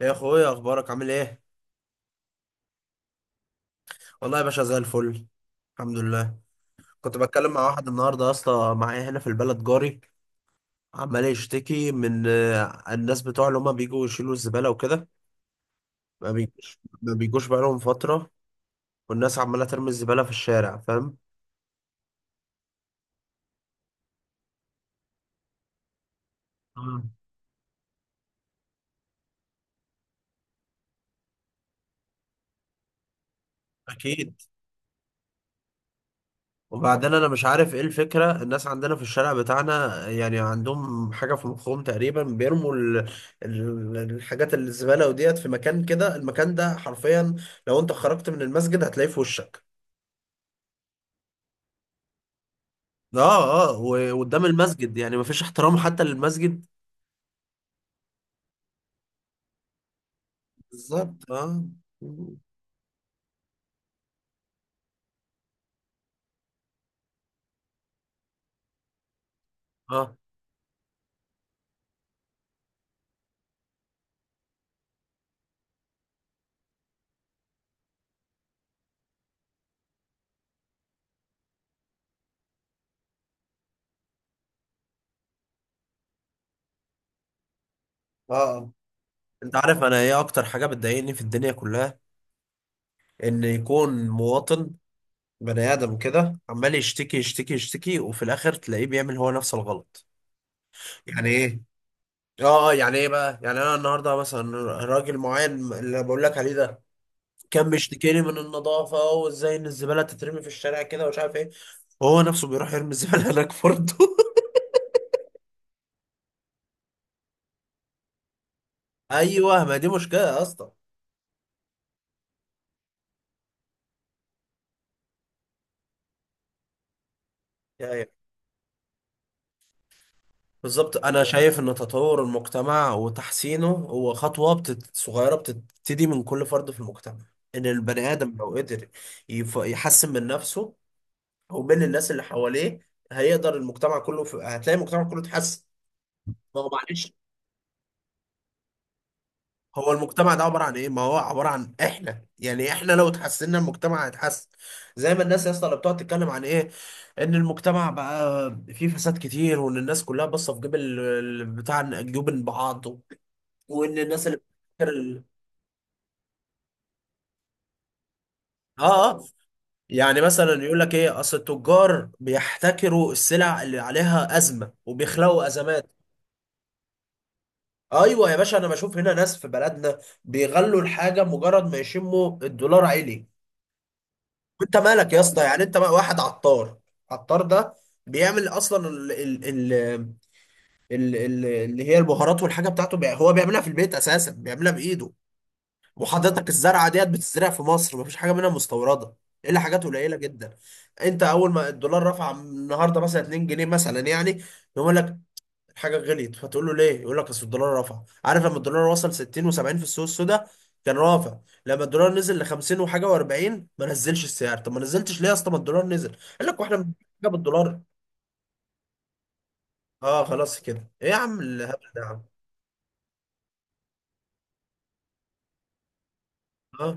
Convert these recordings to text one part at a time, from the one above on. يا اخويا، اخبارك عامل ايه؟ والله يا باشا زي الفل. الحمد لله. كنت بتكلم مع واحد النهارده يا اسطى، معايا هنا في البلد، جاري عمال يشتكي من الناس بتوع اللي هما بيجوا يشيلوا الزباله وكده. ما بيجوش بقالهم فتره. والناس عماله ترمي الزباله في الشارع، فاهم؟ آه. اكيد. وبعدين انا مش عارف ايه الفكره، الناس عندنا في الشارع بتاعنا يعني عندهم حاجه في مخهم، تقريبا بيرموا الحاجات الزباله وديت في مكان كده. المكان ده حرفيا، لو انت خرجت من المسجد هتلاقيه في وشك. اه، اه، وقدام المسجد، يعني مفيش احترام حتى للمسجد. بالظبط، اه، اه، اه. انت عارف انا ايه اكتر حاجه بتضايقني في الدنيا كلها؟ ان يكون مواطن بني ادم كده عمال يشتكي يشتكي يشتكي، وفي الاخر تلاقيه بيعمل هو نفس الغلط. يعني ايه؟ اه. يعني ايه بقى؟ يعني انا النهارده مثلا، راجل معين اللي بقول لك عليه ده، كان بيشتكيني من النظافه وازاي ان الزباله تترمي في الشارع كده ومش عارف ايه، وهو نفسه بيروح يرمي الزباله هناك برضه. ايوه، ما دي مشكله يا اسطى. يعني بالظبط، انا شايف ان تطور المجتمع وتحسينه هو خطوه صغيره بتبتدي من كل فرد في المجتمع. ان البني ادم لو قدر يحسن من نفسه ومن الناس اللي حواليه، هيقدر المجتمع كله هتلاقي المجتمع كله اتحسن. ما هو معلش، هو المجتمع ده عبارة عن ايه؟ ما هو عبارة عن احنا، يعني احنا لو اتحسنا المجتمع هيتحسن. زي ما الناس يا اسطى اللي بتقعد تتكلم عن ايه؟ ان المجتمع بقى فيه فساد كتير، وان الناس كلها باصة في جيب بتاع جيوب بعض. وان الناس اللي بتفكر اه، اه. يعني مثلا يقول لك ايه، اصل التجار بيحتكروا السلع اللي عليها ازمة وبيخلقوا ازمات. ايوه يا باشا، انا بشوف هنا ناس في بلدنا بيغلوا الحاجة مجرد ما يشموا الدولار عالي. انت مالك يا اسطى، يعني انت بقى واحد عطار. عطار ده بيعمل اصلا ال ال ال ال ال اللي هي البهارات، والحاجه بتاعته، هو بيعملها في البيت اساسا، بيعملها بايده. وحضرتك الزرعه ديت بتزرع في مصر، مفيش حاجه منها مستورده الا حاجات قليله جدا. انت اول ما الدولار رفع النهارده مثلا 2 جنيه مثلا يعني، يقول لك الحاجه غليت، فتقول له ليه؟ يقول لك اصل الدولار رفع. عارف لما الدولار وصل 60 و70 في السوق السوداء كان رافع؟ لما الدولار نزل ل 50 وحاجه و40، ما نزلش السعر. طب ما نزلتش ليه يا اسطى؟ ما الدولار نزل! قال لك واحنا بنجيب حاجه بالدولار. اه، خلاص كده؟ ايه يا عم الهبل ده يا عم؟ اه.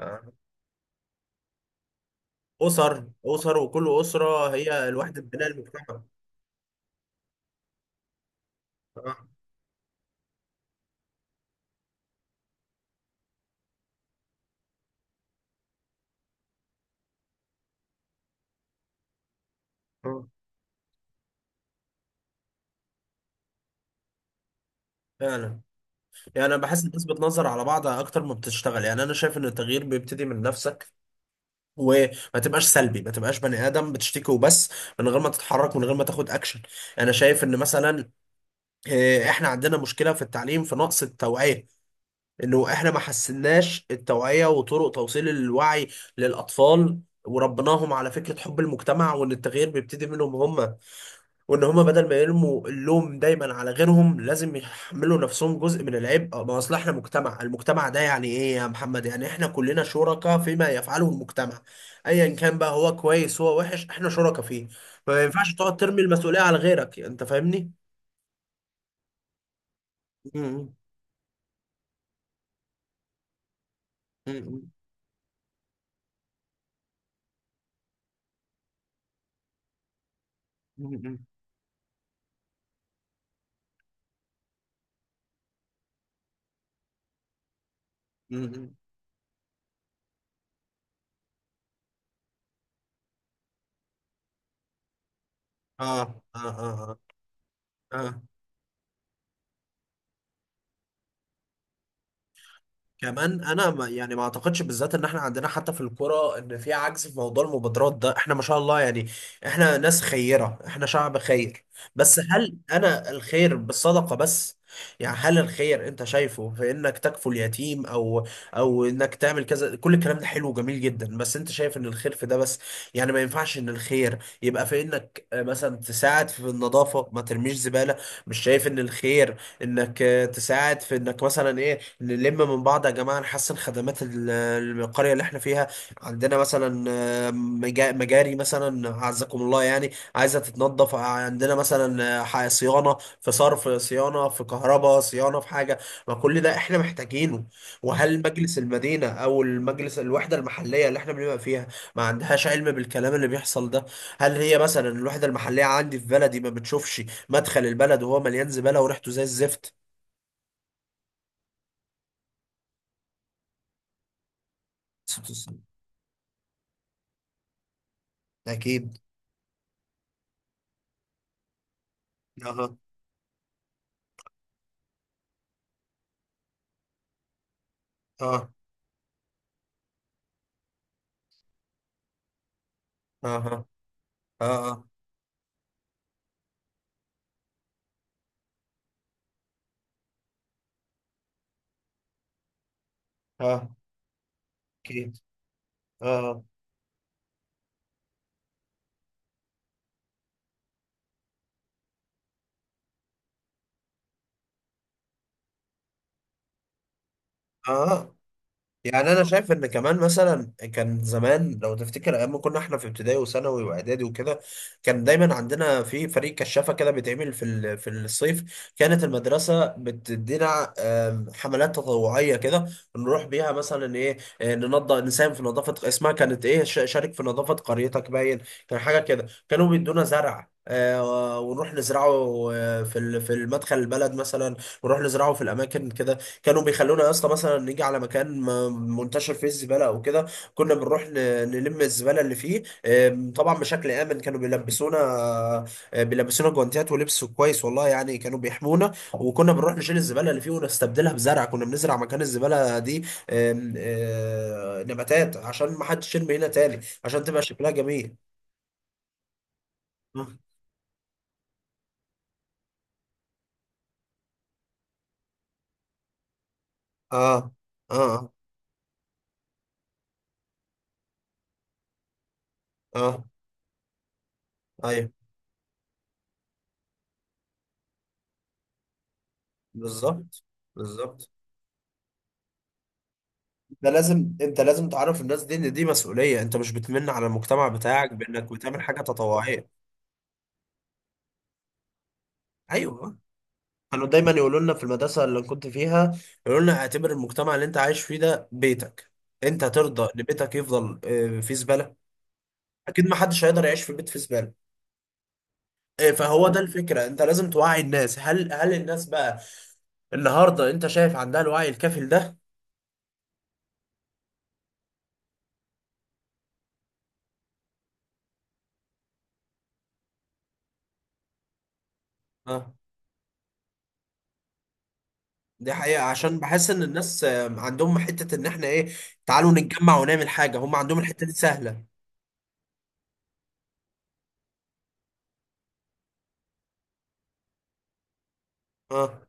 آه. اسر، اسر وكل اسره هي الوحده بناء المجتمع. اه. آه. فعلا. يعني انا بحس الناس بتنظر على بعض اكتر ما بتشتغل. يعني انا شايف ان التغيير بيبتدي من نفسك، وما تبقاش سلبي، ما تبقاش بني ادم بتشتكي وبس، من غير ما تتحرك، من غير ما تاخد اكشن. انا شايف ان مثلا احنا عندنا مشكله في التعليم، في نقص التوعيه. انه احنا ما حسناش التوعيه وطرق توصيل الوعي للاطفال، وربناهم على فكره حب المجتمع، وان التغيير بيبتدي منهم هم. وان هما بدل ما يرموا اللوم دايما على غيرهم، لازم يحملوا نفسهم جزء من العبء. ما اصل احنا مجتمع، المجتمع ده يعني ايه يا محمد؟ يعني احنا كلنا شركاء فيما يفعله المجتمع، ايا كان بقى، هو كويس هو وحش، احنا شركاء فيه. ما ينفعش تقعد ترمي المسؤولية على غيرك، انت فاهمني؟ م- م- م- م- م- م- م- م- اه، اه، اه، اه. كمان انا، ما يعني، ما اعتقدش بالذات ان احنا عندنا حتى في الكرة ان في عجز في موضوع المبادرات ده، احنا ما شاء الله يعني. احنا ناس خيرة، احنا شعب خير. بس هل انا الخير بالصدقة بس؟ يعني هل الخير انت شايفه في انك تكفل اليتيم، او انك تعمل كذا؟ كل الكلام ده حلو وجميل جدا، بس انت شايف ان الخير في ده بس؟ يعني ما ينفعش ان الخير يبقى في انك مثلا تساعد في النظافة، ما ترميش زبالة؟ مش شايف ان الخير انك تساعد في انك مثلا ايه، نلم من بعض يا جماعة، نحسن خدمات القرية اللي احنا فيها؟ عندنا مثلا مجاري مثلا أعزكم الله، يعني عايزة تتنظف. عندنا مثلا صيانة، في صرف صيانة، في كهرباء صيانة، في حاجة. ما كل ده احنا محتاجينه. وهل مجلس المدينة أو المجلس الوحدة المحلية اللي احنا بنبقى فيها ما عندهاش علم بالكلام اللي بيحصل ده؟ هل هي مثلا الوحدة المحلية عندي في بلدي ما بتشوفش مدخل البلد وهو مليان زبالة وريحته زي الزفت؟ أكيد. أها. اه، اه، اه، اه، اه. اوكي. اه، اه. يعني انا شايف ان كمان مثلا كان زمان، لو تفتكر ايام ما كنا احنا في ابتدائي وثانوي واعدادي وكده، كان دايما عندنا في فريق كشافه كده بيتعمل في الصيف. كانت المدرسه بتدينا حملات تطوعيه كده، نروح بيها مثلا ايه ننضف، نساهم في نظافه. اسمها كانت ايه، شارك في نظافه قريتك، باين. كان حاجه كده، كانوا بيدونا زرع ونروح نزرعه، في المدخل البلد مثلا، ونروح نزرعه في الاماكن كده. كانوا بيخلونا يا اسطى مثلا نيجي على مكان منتشر فيه الزباله او كده، كنا بنروح نلم الزباله اللي فيه. طبعا بشكل امن، كانوا بيلبسونا، بيلبسونا جوانتيات ولبس كويس والله يعني، كانوا بيحمونا. وكنا بنروح نشيل الزباله اللي فيه ونستبدلها بزرع، كنا بنزرع مكان الزباله دي آم، آه، نباتات، عشان ما حدش يرمي هنا تاني، عشان تبقى شكلها جميل. اه، اه، اه، آه. ايوه، بالظبط، بالظبط. ده لازم، انت لازم تعرف الناس دي ان دي مسؤوليه، انت مش بتمن على المجتمع بتاعك بانك بتعمل حاجه تطوعيه. ايوه. كانوا دايما يقولوا لنا في المدرسه اللي كنت فيها، يقولوا لنا اعتبر المجتمع اللي انت عايش فيه ده بيتك. انت ترضى ان بيتك يفضل فيه زباله؟ اكيد ما حدش هيقدر يعيش في بيت فيه زباله. اه، فهو ده الفكره، انت لازم توعي الناس. هل هل الناس بقى النهارده انت شايف عندها الوعي الكافي ده؟ دي حقيقة، عشان بحس ان الناس عندهم حتة ان احنا ايه، تعالوا نتجمع ونعمل حاجة، هم عندهم الحتة دي سهلة. اه،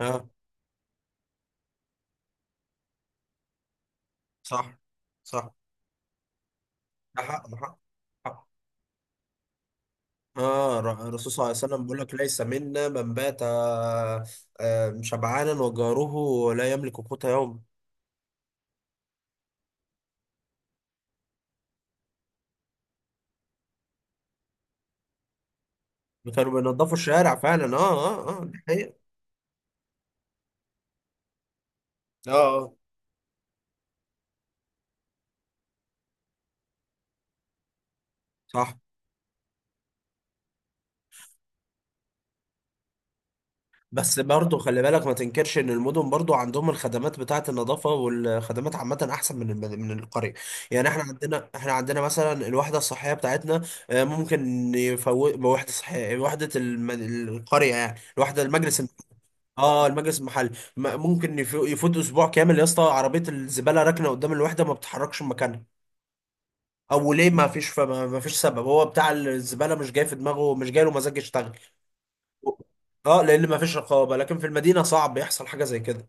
اه. صح، صح. ده حق، ده حق. حق. اه. الرسول صلى الله عليه وسلم بيقول لك، ليس منا من بات شبعانا وجاره لا يملك قوت يوم. كانوا بينضفوا الشارع فعلا. اه. اه، اه، دي حقيقة. اه. صح. بس برضه خلي بالك، ما تنكرش ان المدن برضه عندهم الخدمات بتاعه النظافه والخدمات عامه احسن من القريه. يعني احنا عندنا مثلا الوحده الصحيه بتاعتنا. ممكن يفوت وحده صحيه، وحده القريه، يعني الوحده المجلس اه، المجلس المحلي. ممكن يفوت اسبوع كامل يا اسطى، عربيه الزباله راكنه قدام الوحده ما بتتحركش من مكانها، او ليه؟ ما فيش سبب، هو بتاع الزباله مش جاي في دماغه، مش جاي له مزاج يشتغل. اه، لان ما فيش رقابه. لكن في المدينه صعب يحصل حاجه زي كده.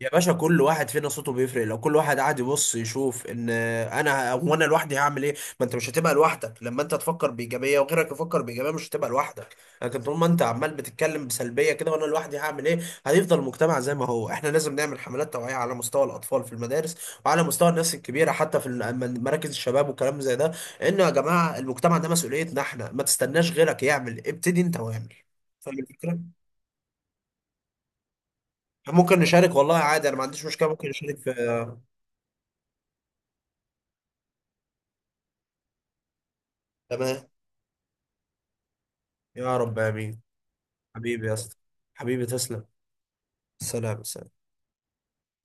يا باشا، كل واحد فينا صوته بيفرق. لو كل واحد قاعد يبص يشوف ان انا، وانا لوحدي هعمل ايه، ما انت مش هتبقى لوحدك. لما انت تفكر بايجابيه وغيرك يفكر بايجابيه، مش هتبقى لوحدك. لكن طول ما انت عمال بتتكلم بسلبيه كده وانا لوحدي هعمل ايه، هيفضل المجتمع زي ما هو. احنا لازم نعمل حملات توعيه على مستوى الاطفال في المدارس، وعلى مستوى الناس الكبيره، حتى في مراكز الشباب والكلام زي ده. انه يا جماعه المجتمع ده مسؤوليتنا احنا، ما تستناش غيرك يعمل، ابتدي انت واعمل. فاهم الفكره؟ ممكن نشارك والله، عادي، انا ما عنديش مشكله، ممكن نشارك في. تمام. يا رب، امين. حبيبي يا اسطى، حبيبي تسلم. سلام، سلام.